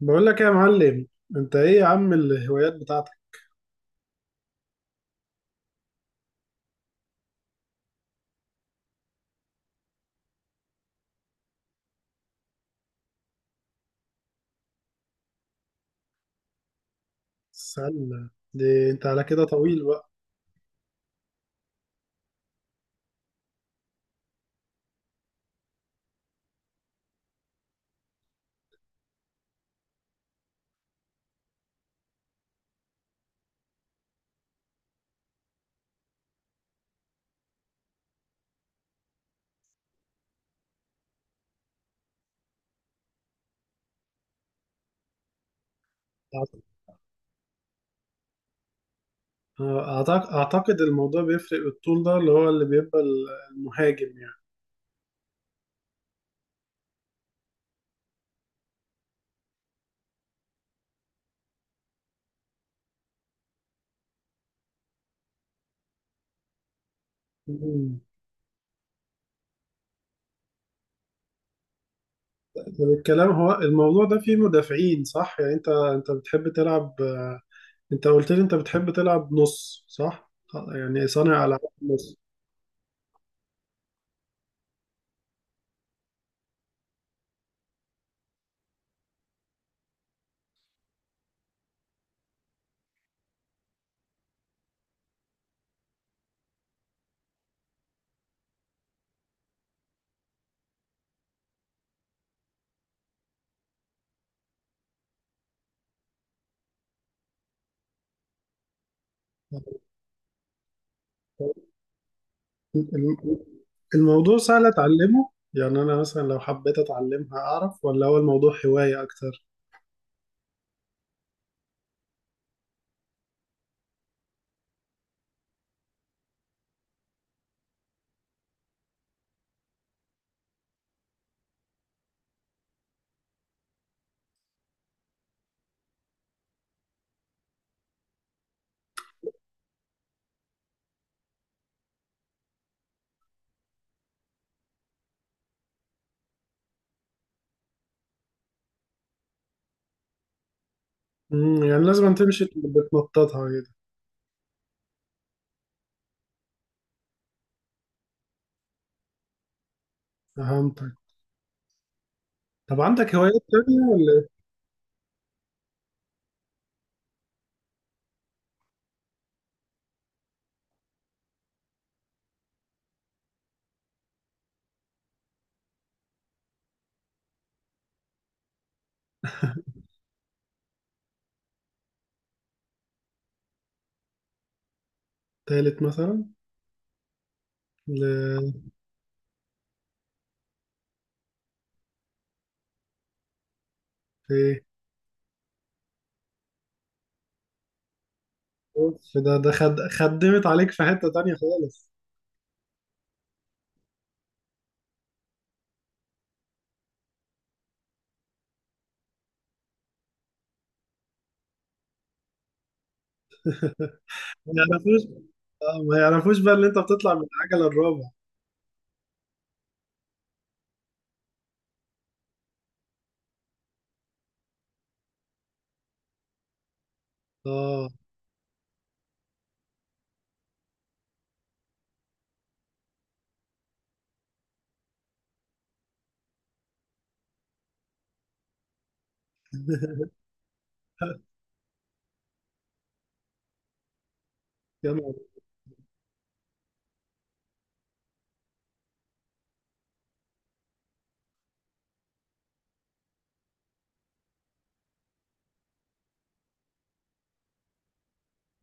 بقول لك إيه يا معلم. انت ايه يا عم الهوايات بتاعتك؟ السله دي انت على كده طويل بقى. اعتقد الموضوع بيفرق بالطول ده اللي هو اللي بيبقى المهاجم يعني. مم. طب الكلام هو الموضوع ده فيه مدافعين صح، يعني انت بتحب تلعب، انت قلت لي انت بتحب تلعب نص صح، يعني صانع العاب نص. الم- الموضوع سهل اتعلمه، يعني انا مثلا لو حبيت اتعلمها اعرف ولا هو الموضوع هواية اكتر؟ مم، يعني لازم تمشي بتنططها كده. فهمتك. طب عندك هوايات تانية ولا إيه؟ تالت مثلا. ل... في إيه؟ أوف، ده خدمت عليك في حتة تانية خالص. ما يعرفوش. آه، ما يعرفوش بقى إن أنت بتطلع من العجلة الرابع. آه. يا نهار.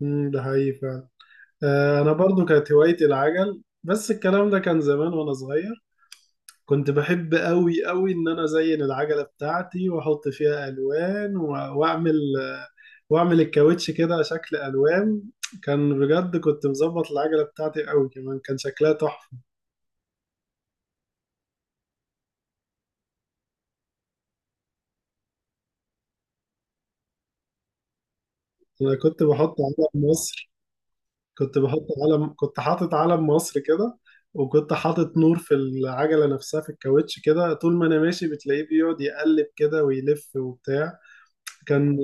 أمم، ده حقيقي فعلا. آه أنا برضو كانت هوايتي العجل، بس الكلام ده كان زمان وأنا صغير. كنت بحب قوي قوي ان انا ازين العجله بتاعتي واحط فيها الوان واعمل، واعمل الكاوتش كده شكل الوان. كان بجد كنت مظبط العجله بتاعتي قوي، كمان كان شكلها تحفه. انا كنت بحط علم مصر، كنت حاطط علم مصر كده، وكنت حاطط نور في العجله نفسها في الكاوتش كده، طول ما انا ماشي بتلاقيه بيقعد يقلب كده ويلف وبتاع. كان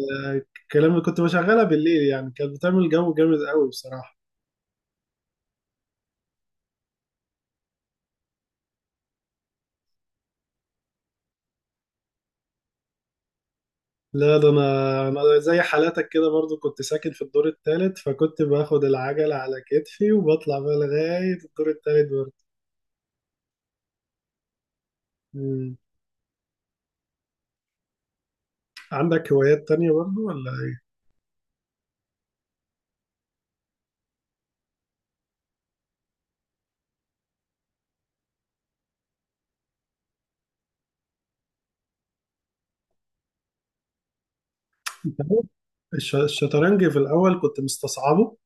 الكلام كنت بشغلها بالليل، يعني كانت بتعمل جو جامد قوي بصراحه. لا ده انا زي حالاتك كده، برضو كنت ساكن في الدور الثالث فكنت باخد العجلة على كتفي وبطلع بقى لغاية الدور الثالث برضو. مم. عندك هوايات تانية برضو ولا ايه؟ انت عارف، الشطرنج في الاول كنت مستصعبه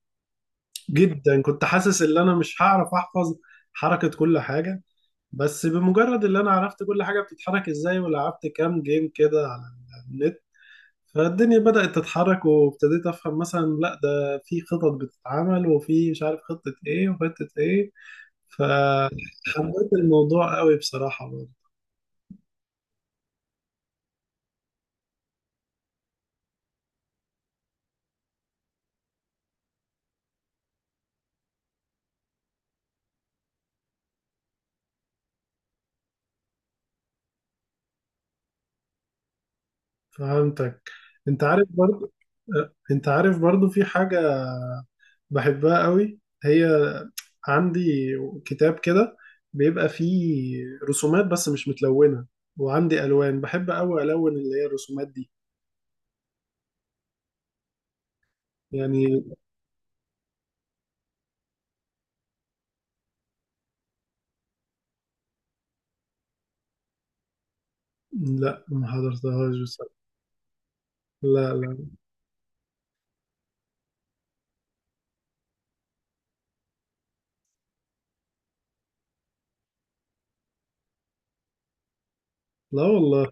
جدا، كنت حاسس ان انا مش هعرف احفظ حركة كل حاجة. بس بمجرد ان انا عرفت كل حاجة بتتحرك ازاي ولعبت كام جيم كده على النت، فالدنيا بدأت تتحرك وابتديت أفهم مثلا لا ده في خطط بتتعمل وفي مش عارف خطة إيه وخطة إيه. فحبيت الموضوع قوي بصراحة برضه. فهمتك. أنت عارف برضه. أه، أنت عارف برضه في حاجة بحبها قوي، هي عندي كتاب كده بيبقى فيه رسومات بس مش متلونة، وعندي ألوان بحب قوي ألون اللي هي الرسومات دي يعني. لا ما حضرتهاش بصراحة. لا لا. لا والله.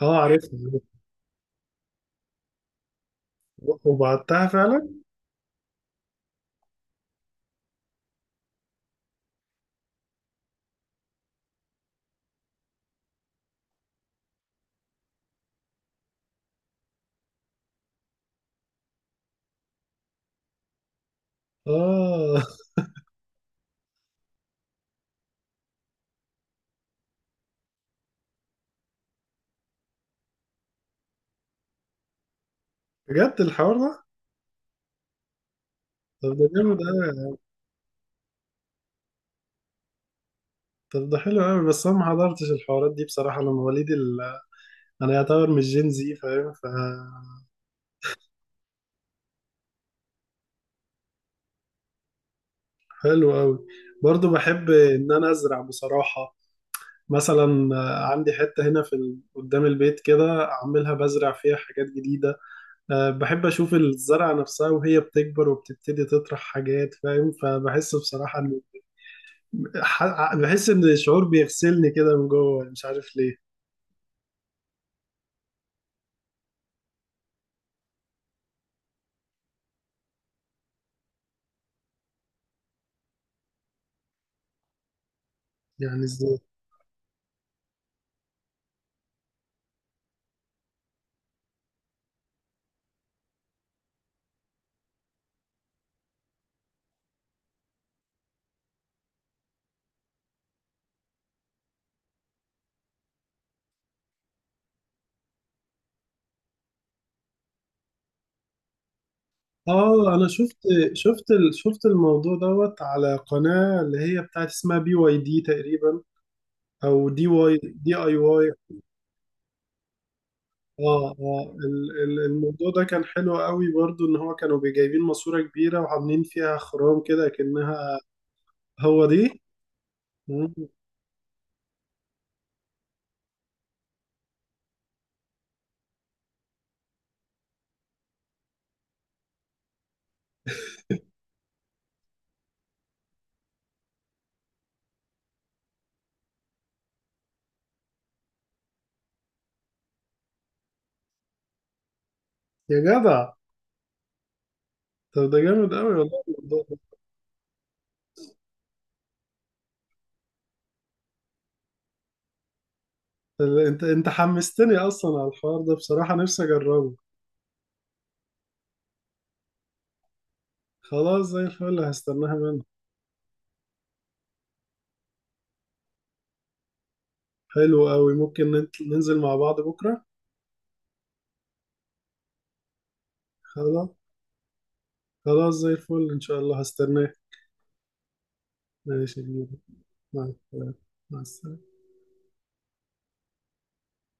اه عارفها. وبعتها فعلا. اه، بجد الحوار ده؟ طب ده جامد قوي. طب ده حلو قوي، بس انا ما حضرتش الحوارات دي بصراحه، انا مواليد انا يعتبر مش جين زي فاهم. فحلو قوي. برضو بحب ان انا ازرع بصراحه، مثلا آه، عندي حته هنا في قدام البيت كده اعملها بزرع فيها حاجات جديده. أه بحب اشوف الزرعه نفسها وهي بتكبر وبتبتدي تطرح حاجات فاهم، فبحس بصراحه ح... بحس ان الشعور بيغسلني كده من جوه، مش عارف ليه. يعني ازاي؟ اه انا شفت، شفت الموضوع دوت على قناة اللي هي بتاعت اسمها بي واي دي تقريبا، او دي واي، دي اي واي. اه اه، الموضوع ده كان حلو قوي برضو، ان هو كانوا جايبين ماسورة كبيرة وعاملين فيها خرام كده كأنها. هو دي. مم. يا جدع. طب ده جامد قوي والله الموضوع ده. انت حمستني اصلا على الحوار ده بصراحة، نفسي اجربه. خلاص زي الفل، هستناها منك. حلو قوي، ممكن ننزل مع بعض بكرة. خلاص. خلاص زي الفل إن شاء الله هستناك. ماشي يا كبير. مع السلامة. مع السلامة.